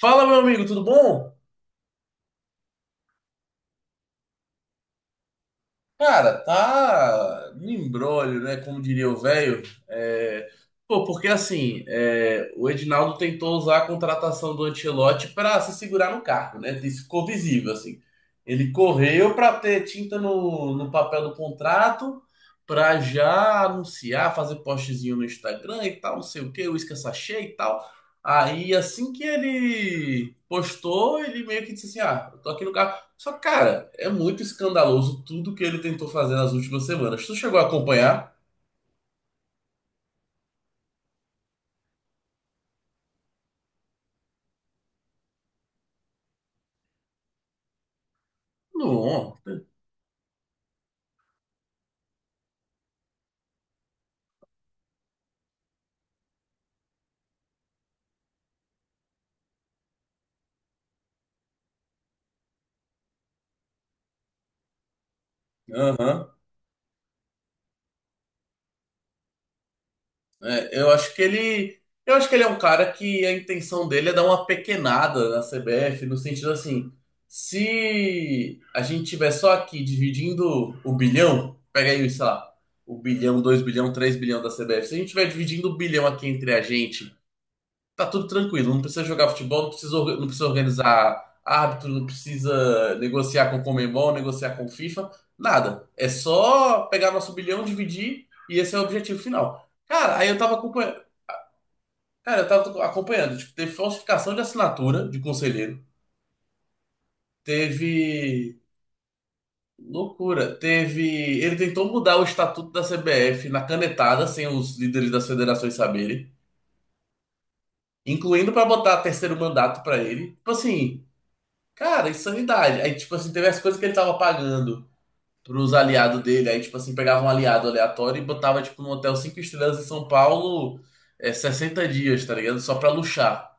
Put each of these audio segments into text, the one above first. Fala, meu amigo, tudo bom? Cara, tá no imbróglio, né? Como diria o velho. É. O Edinaldo tentou usar a contratação do Ancelotti pra se segurar no cargo, né? Isso ficou visível, assim. Ele correu pra ter tinta no papel do contrato, pra já anunciar, fazer postzinho no Instagram e tal, não sei o quê, uísque sachê e tal. Aí, assim que ele postou, ele meio que disse assim: Ah, eu tô aqui no cargo. Só que, cara, é muito escandaloso tudo que ele tentou fazer nas últimas semanas. Tu chegou a acompanhar? Não. Aham. É, eu acho que ele. Eu acho que ele é um cara que a intenção dele é dar uma pequenada na CBF, no sentido assim, se a gente tiver só aqui dividindo o bilhão, pega aí, sei lá, o bilhão, dois bilhão, três bilhão da CBF, se a gente tiver dividindo o bilhão aqui entre a gente tá tudo tranquilo, não precisa jogar futebol, não precisa, não precisa organizar árbitro, não precisa negociar com o Conmebol, negociar com o FIFA, nada. É só pegar nosso bilhão, dividir e esse é o objetivo final. Cara, eu tava acompanhando, tipo, teve falsificação de assinatura de conselheiro, teve loucura, teve, ele tentou mudar o estatuto da CBF na canetada sem os líderes das federações saberem. Incluindo pra botar terceiro mandato pra ele. Tipo assim, cara, insanidade. Aí, tipo assim, teve as coisas que ele tava pagando pros aliados dele. Aí, tipo assim, pegava um aliado aleatório e botava, tipo, num hotel cinco estrelas em São Paulo, 60 dias, tá ligado? Só pra luxar.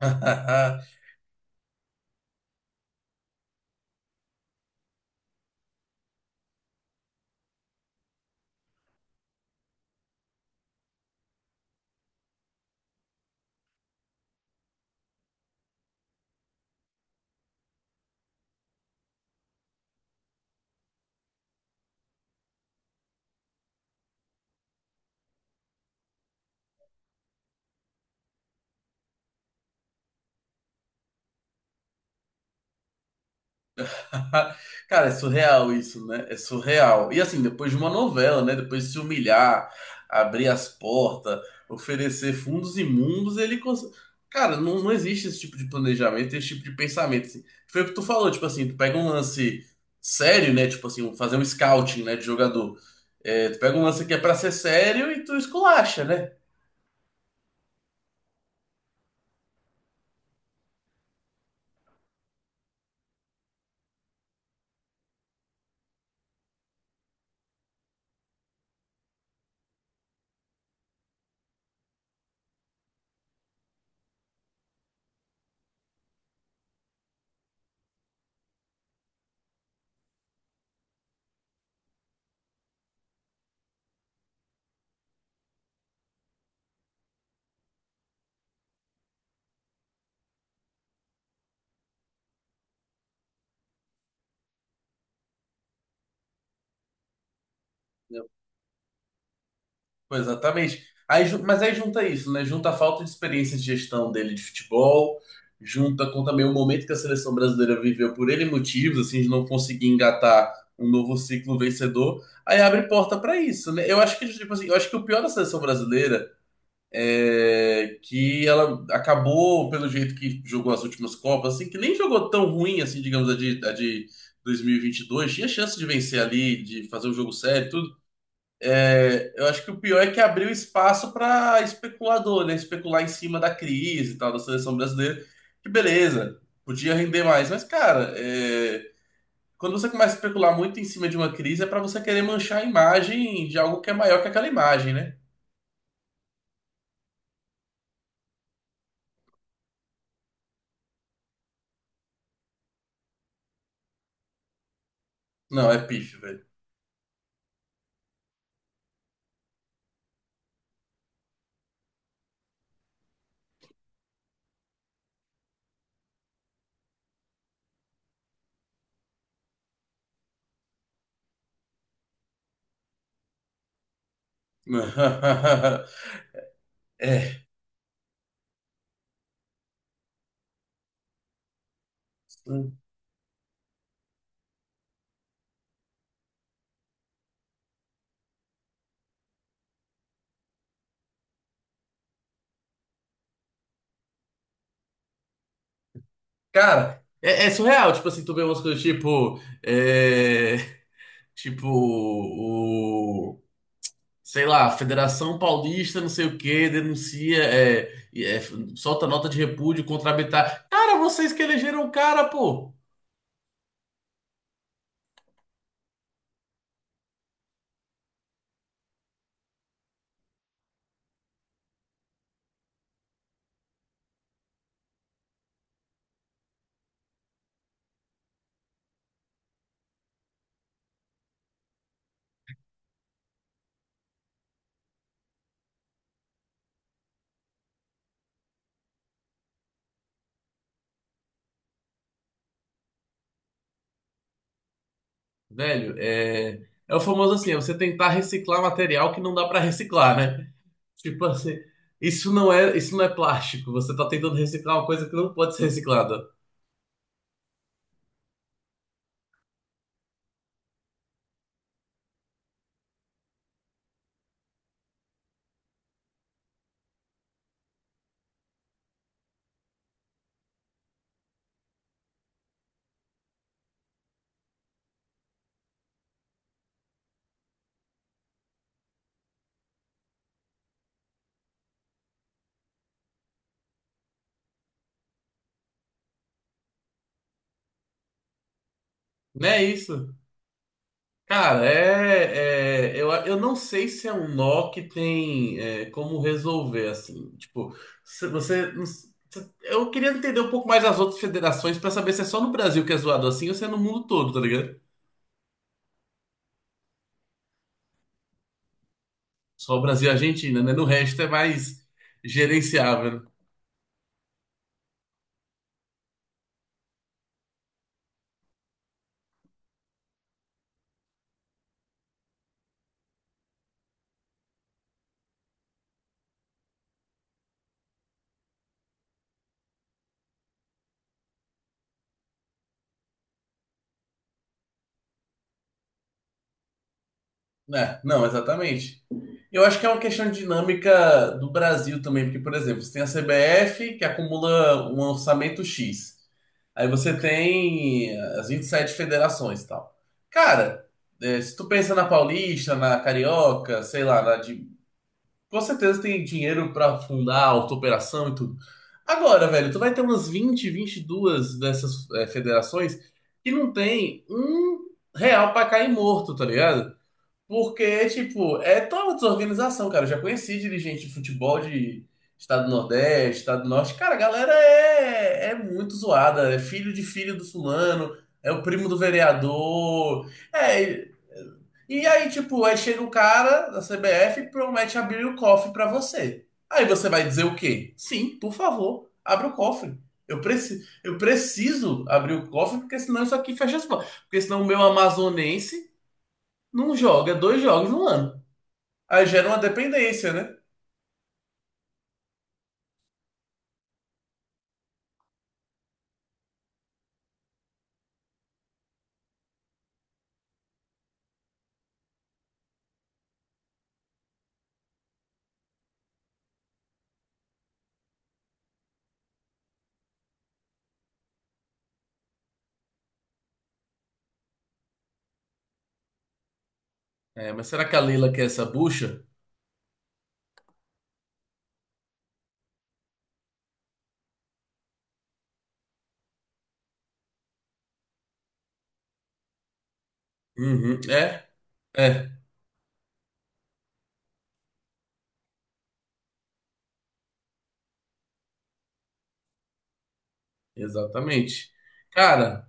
Cara, é surreal isso, né? É surreal. E assim, depois de uma novela, né? Depois de se humilhar, abrir as portas, oferecer fundos imundos, cara, não existe esse tipo de planejamento, esse tipo de pensamento, assim. Foi o que tu falou, tipo assim, tu pega um lance sério, né? Tipo assim, fazer um scouting, né, de jogador. É, tu pega um lance que é pra ser sério e tu esculacha, né? Pois, exatamente. Mas aí junta isso, né? Junta a falta de experiência de gestão dele de futebol, junta com também o momento que a seleção brasileira viveu por ele motivos, assim, de não conseguir engatar um novo ciclo vencedor. Aí abre porta para isso, né? Eu acho que, tipo assim, eu acho que o pior da seleção brasileira é que ela acabou pelo jeito que jogou as últimas Copas, assim, que nem jogou tão ruim, assim, digamos, a de 2022. Tinha chance de vencer ali, de fazer um jogo sério, tudo. Eu acho que o pior é que abriu espaço para especulador, né? Especular em cima da crise e tal, da seleção brasileira. Que beleza, podia render mais. Mas, cara, é, quando você começa a especular muito em cima de uma crise, é para você querer manchar a imagem de algo que é maior que aquela imagem, né? Não, é pífio, velho. É. Cara, surreal, tipo assim, tu vê umas coisas tipo. É, Tipo, o. Sei lá, Federação Paulista, não sei o quê, denuncia, solta nota de repúdio contra a Bittar. Cara, vocês que elegeram o cara, pô! Velho, é o famoso assim, é você tentar reciclar material que não dá pra reciclar, né? Tipo assim, isso não é plástico, você tá tentando reciclar uma coisa que não pode ser reciclada. Não é isso? Cara, eu não sei se é um nó que tem como resolver, assim. Tipo, se você. Não s- se- eu queria entender um pouco mais as outras federações pra saber se é só no Brasil que é zoado assim ou se é no mundo todo, tá ligado? Só o Brasil e a Argentina, né? No resto é mais gerenciável, né? É. Não, exatamente. Eu acho que é uma questão de dinâmica do Brasil também, porque, por exemplo, você tem a CBF que acumula um orçamento X. Aí você tem as 27 federações e tal. Cara, é, se tu pensa na Paulista, na Carioca, sei lá, na de... com certeza tem dinheiro pra fundar auto-operação e tudo. Agora, velho, tu vai ter umas 20, 22 dessas federações que não tem um real pra cair morto, tá ligado? Porque, tipo, é toda uma desorganização, cara. Eu já conheci dirigente de futebol de Estado do Nordeste, Estado do Norte. Cara, a galera é muito zoada. É filho de filho do fulano, é o primo do vereador. É. E aí, tipo, aí chega um cara da CBF e promete abrir o cofre pra você. Aí você vai dizer o quê? Sim, por favor, abre o cofre. Eu preciso abrir o cofre, porque senão isso aqui fecha as portas. Porque senão o meu amazonense não joga dois jogos no ano. Aí gera uma dependência, né? É, mas será que a Leila quer essa bucha? Uhum, é, é, exatamente. Cara,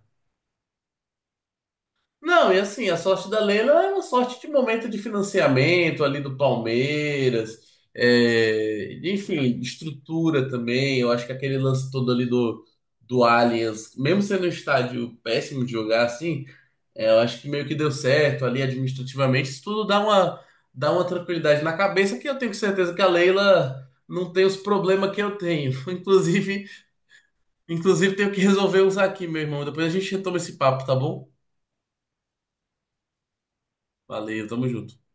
não, e assim, a sorte da Leila é uma sorte de momento de financiamento ali do Palmeiras, é, enfim, estrutura também. Eu acho que aquele lance todo do Allianz, mesmo sendo um estádio péssimo de jogar assim, é, eu acho que meio que deu certo ali administrativamente. Isso tudo dá uma tranquilidade na cabeça que eu tenho certeza que a Leila não tem os problemas que eu tenho. Inclusive, inclusive tenho que resolver uns aqui, meu irmão. Depois a gente retoma esse papo, tá bom? Valeu, tamo junto.